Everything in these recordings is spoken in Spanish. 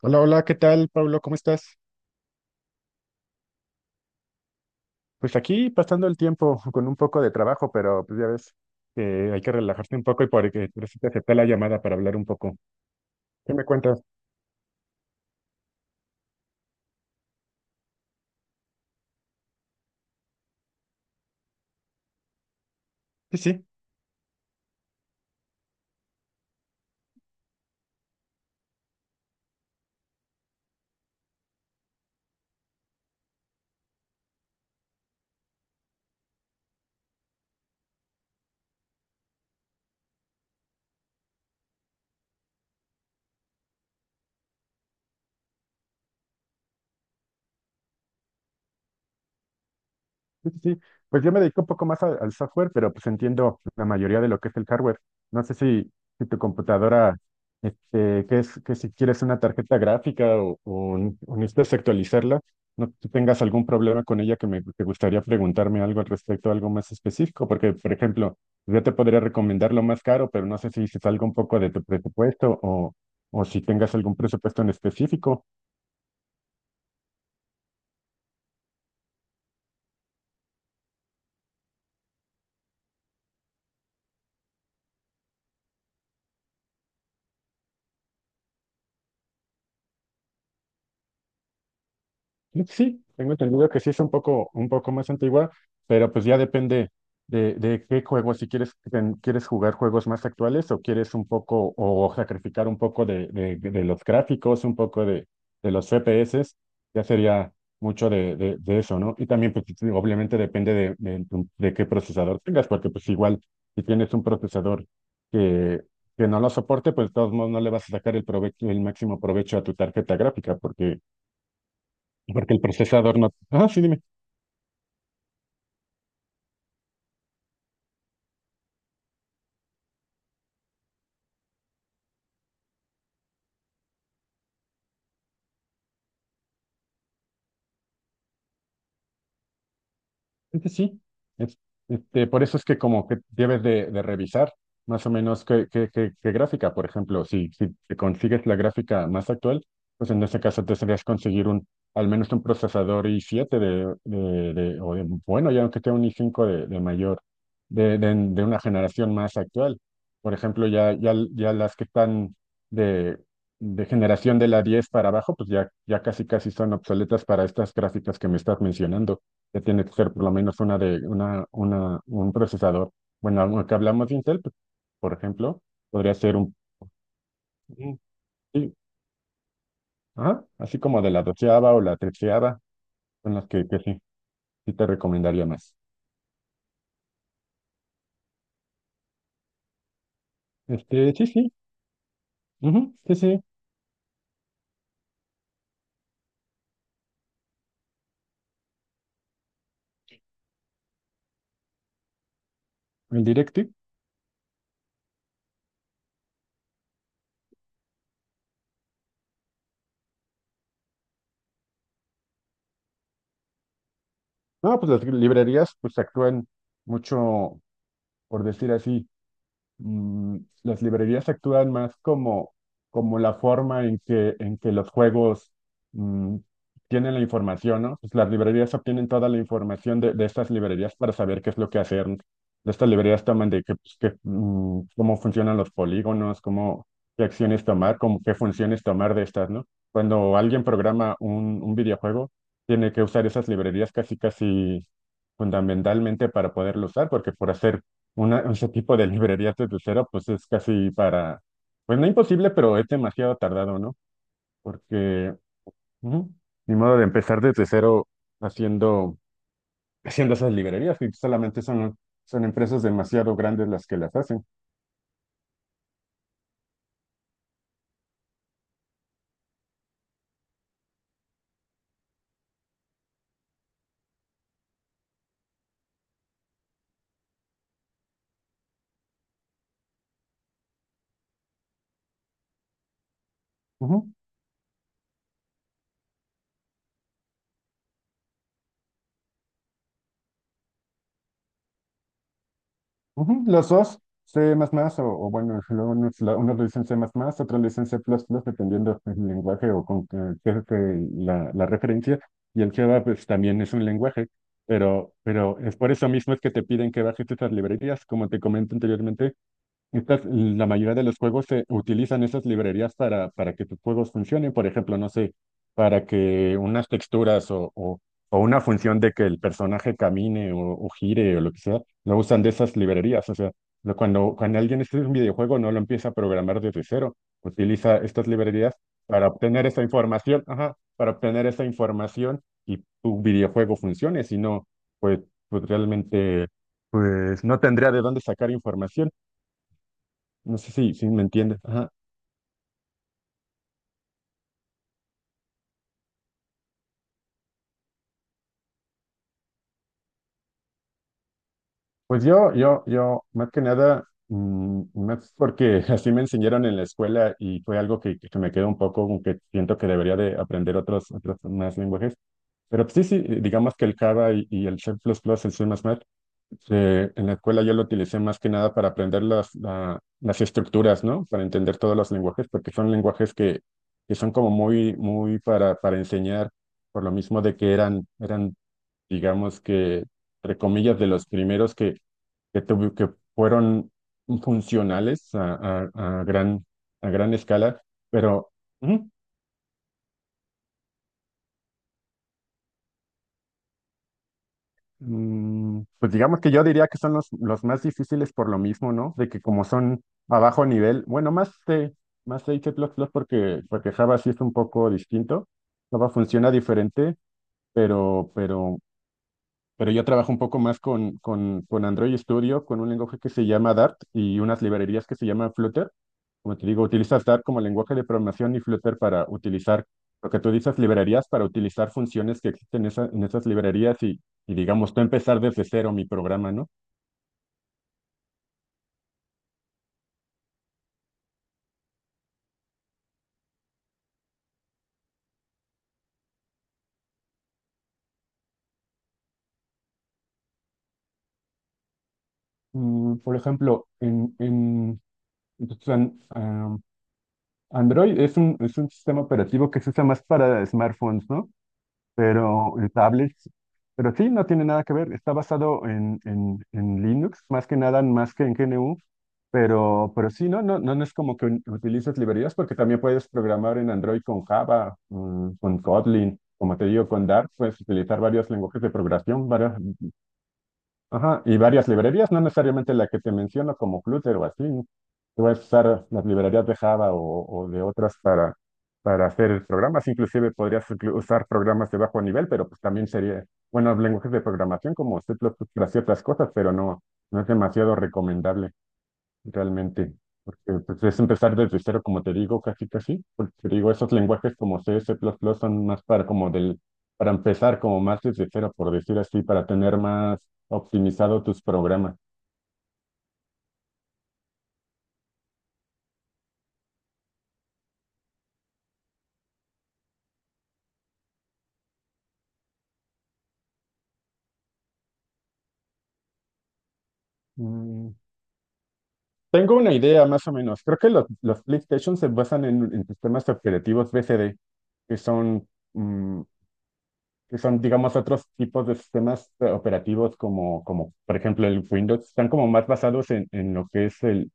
Hola, hola, ¿qué tal, Pablo? ¿Cómo estás? Pues aquí pasando el tiempo con un poco de trabajo, pero pues ya ves que hay que relajarse un poco y por eso te acepté la llamada para hablar un poco. ¿Qué me cuentas? Sí, sí. Sí, sí, sí. Pues yo me dedico un poco más al software, pero pues entiendo la mayoría de lo que es el hardware. No sé si tu computadora, que si quieres una tarjeta gráfica o necesitas actualizarla, no tú tengas algún problema con ella que me que gustaría preguntarme algo al respecto, algo más específico. Porque, por ejemplo, yo te podría recomendar lo más caro, pero no sé si se salga un poco de tu presupuesto, o si tengas algún presupuesto en específico. Creo que sí, tengo entendido que sí es un poco más antigua, pero pues ya depende de qué juego, si quieres, quieres jugar juegos más actuales o quieres un poco, o sacrificar un poco de los gráficos, un poco de los FPS. Ya sería mucho de eso, ¿no? Y también, pues, sí, obviamente depende de qué procesador tengas, porque pues igual, si tienes un procesador que, que no lo soporte, pues de todos modos no le vas a sacar el provecho, el máximo provecho a tu tarjeta gráfica, porque el procesador no. Ah, sí, dime. Realmente sí. Es- por eso es que como que debes de revisar más o menos qué gráfica. Por ejemplo, si te consigues la gráfica más actual, pues en ese caso te serías conseguir al menos un procesador i7, bueno, ya aunque sea un i5 de mayor, de una generación más actual. Por ejemplo, ya, ya, ya las que están de, de generación de la 10 para abajo, pues ya, ya casi casi son obsoletas para estas gráficas que me estás mencionando, que tiene que ser por lo menos una de una, un procesador. Bueno, aunque hablamos de Intel, pues, por ejemplo, podría ser un- sí, ajá, así como de la doceava o la treceava. Son las que sí, sí te recomendaría más. Sí, sí, ujú, sí, sí, el Directive. No, pues las librerías pues actúan mucho, por decir así. mm, las librerías actúan más como la forma en que los juegos mm, tienen la información, ¿no? Pues las librerías obtienen toda la información de estas librerías para saber qué es lo que hacer. Estas librerías toman de que, pues, cómo funcionan los polígonos, cómo, qué acciones tomar, cómo, qué funciones tomar de estas, ¿no? Cuando alguien programa un videojuego, tiene que usar esas librerías casi, casi fundamentalmente para poderlo usar, porque por hacer ese tipo de librerías desde cero, pues es casi para, pues no imposible, pero es demasiado tardado, ¿no? Porque ujú, ni modo de empezar desde cero haciendo, haciendo esas librerías, y solamente son, empresas demasiado grandes las que las hacen. Ujú. Ujú, los dos, C++ o bueno, luego unos lo dicen C++, otros le dicen C++, dependiendo del lenguaje o con que, que la referencia. Y el Java pues también es un lenguaje, pero, es por eso mismo es que te piden que bajes esas librerías. Como te comento anteriormente, la mayoría de los juegos se utilizan esas librerías para que tus juegos funcionen. Por ejemplo, no sé, para que unas texturas o, o una función de que el personaje camine o gire o lo que sea, lo usan de esas librerías. O sea, cuando alguien escribe un videojuego no lo empieza a programar desde cero, utiliza estas librerías para obtener esa información, ajá, para obtener esa información y tu videojuego funcione. Si no, pues, realmente, pues no tendría de dónde sacar información. No sé si me entiendes. Ajá. Pues yo, más que nada, más porque así me enseñaron en la escuela y fue algo que me quedó un poco, aunque siento que debería de aprender otros más lenguajes. Pero sí, sí, digamos que el Java y el C++, en la escuela yo lo utilicé más que nada para aprender las estructuras, ¿no? Para entender todos los lenguajes, porque son lenguajes que son como muy, muy para enseñar, por lo mismo de que eran digamos que, entre comillas, de los primeros que fueron funcionales a- a gran, a gran escala, pero ujú, pues digamos que yo diría que son los más difíciles por lo mismo, ¿no? De que como son a bajo nivel. Bueno, más C, más C++ y C++ porque, Java sí es un poco distinto, Java funciona diferente, pero, pero yo trabajo un poco más con, con Android Studio, con un lenguaje que se llama Dart y unas librerías que se llaman Flutter. Como te digo, utilizas Dart como lenguaje de programación y Flutter para utilizar lo que tú dices, librerías, para utilizar funciones que existen en esas librerías digamos, tú empezar desde cero mi programa, ¿no? Por ejemplo, en entonces, Android es es un sistema operativo que se usa más para smartphones, ¿no? Pero tablets. Pero sí, no tiene nada que ver, está basado en Linux, más que nada, más que en GNU. Pero, sí, no, no, no, no es como que utilices librerías, porque también puedes programar en Android con Java, con Kotlin, como te digo, con Dart. Puedes utilizar varios lenguajes de programación, varias, ajá, y varias librerías, no necesariamente la que te menciono como Flutter o así, ¿no? A usar las librerías de Java o de otras para, hacer programas. Inclusive podrías usar programas de bajo nivel, pero pues también sería, bueno, lenguajes de programación como C++ para ciertas cosas, pero no es demasiado recomendable realmente, porque pues, es empezar desde cero, como te digo, casi casi. Porque te digo, esos lenguajes como C, C++ son más para como del, para empezar como más desde cero, por decir así, para tener más optimizado tus programas. Mm, Tengo una idea más o menos. Creo que los PlayStation se basan en sistemas operativos BCD, que son, mm, que son, digamos, otros tipos de sistemas operativos como, por ejemplo, el Windows. Están como más basados en lo que es el,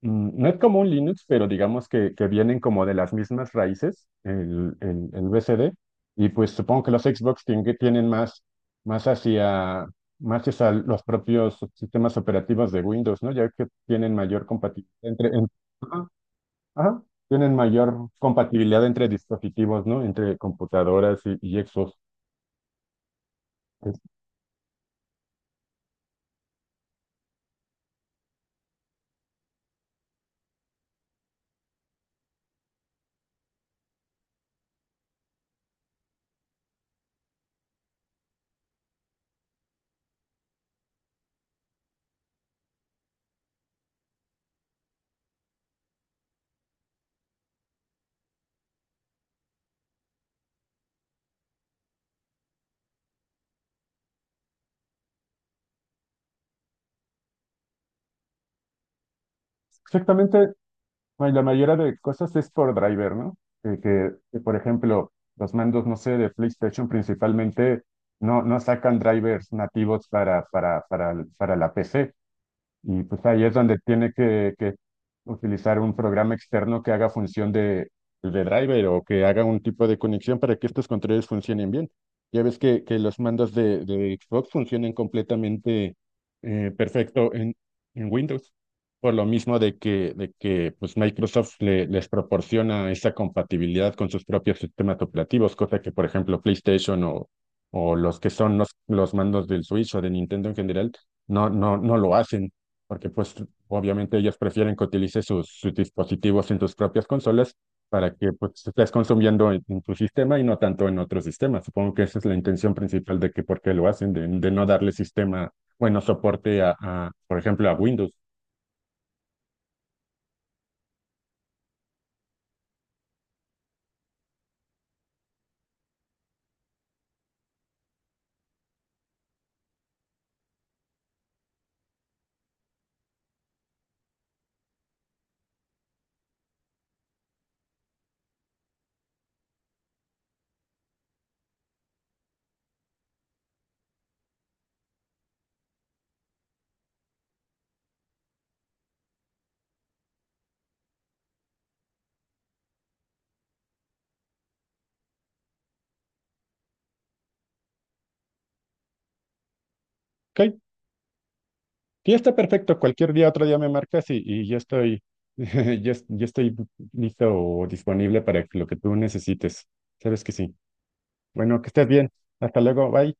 no es como un Linux, pero digamos que, vienen como de las mismas raíces, el, el BCD. Y pues supongo que los Xbox que tienen más hacia, más hacia los propios sistemas operativos de Windows, ¿no? Ya que tienen mayor compatibilidad ajá, ajá, tienen mayor compatibilidad entre dispositivos, ¿no? Entre computadoras y Xbox. Es Exactamente. Bueno, y la mayoría de cosas es por driver, ¿no? Por ejemplo, los mandos, no sé, de PlayStation principalmente no sacan drivers nativos para la PC. Y pues ahí es donde tiene que utilizar un programa externo que haga función de driver, o que haga un tipo de conexión para que estos controles funcionen bien. Ya ves que los mandos de Xbox funcionan completamente perfecto en Windows, por lo mismo de que, pues Microsoft les proporciona esa compatibilidad con sus propios sistemas operativos, cosa que por ejemplo PlayStation o los que son los mandos del Switch o de Nintendo en general no lo hacen, porque pues obviamente ellos prefieren que utilices sus dispositivos en tus propias consolas, para que pues estés consumiendo en tu sistema y no tanto en otro sistema. Supongo que esa es la intención principal de que por qué lo hacen, de no darle sistema, bueno, soporte por ejemplo, a Windows. Ok, sí, está perfecto, cualquier día, otro día me marcas y yo estoy, yo estoy listo o disponible para lo que tú necesites. Sabes que sí. Bueno, que estés bien. Hasta luego, bye.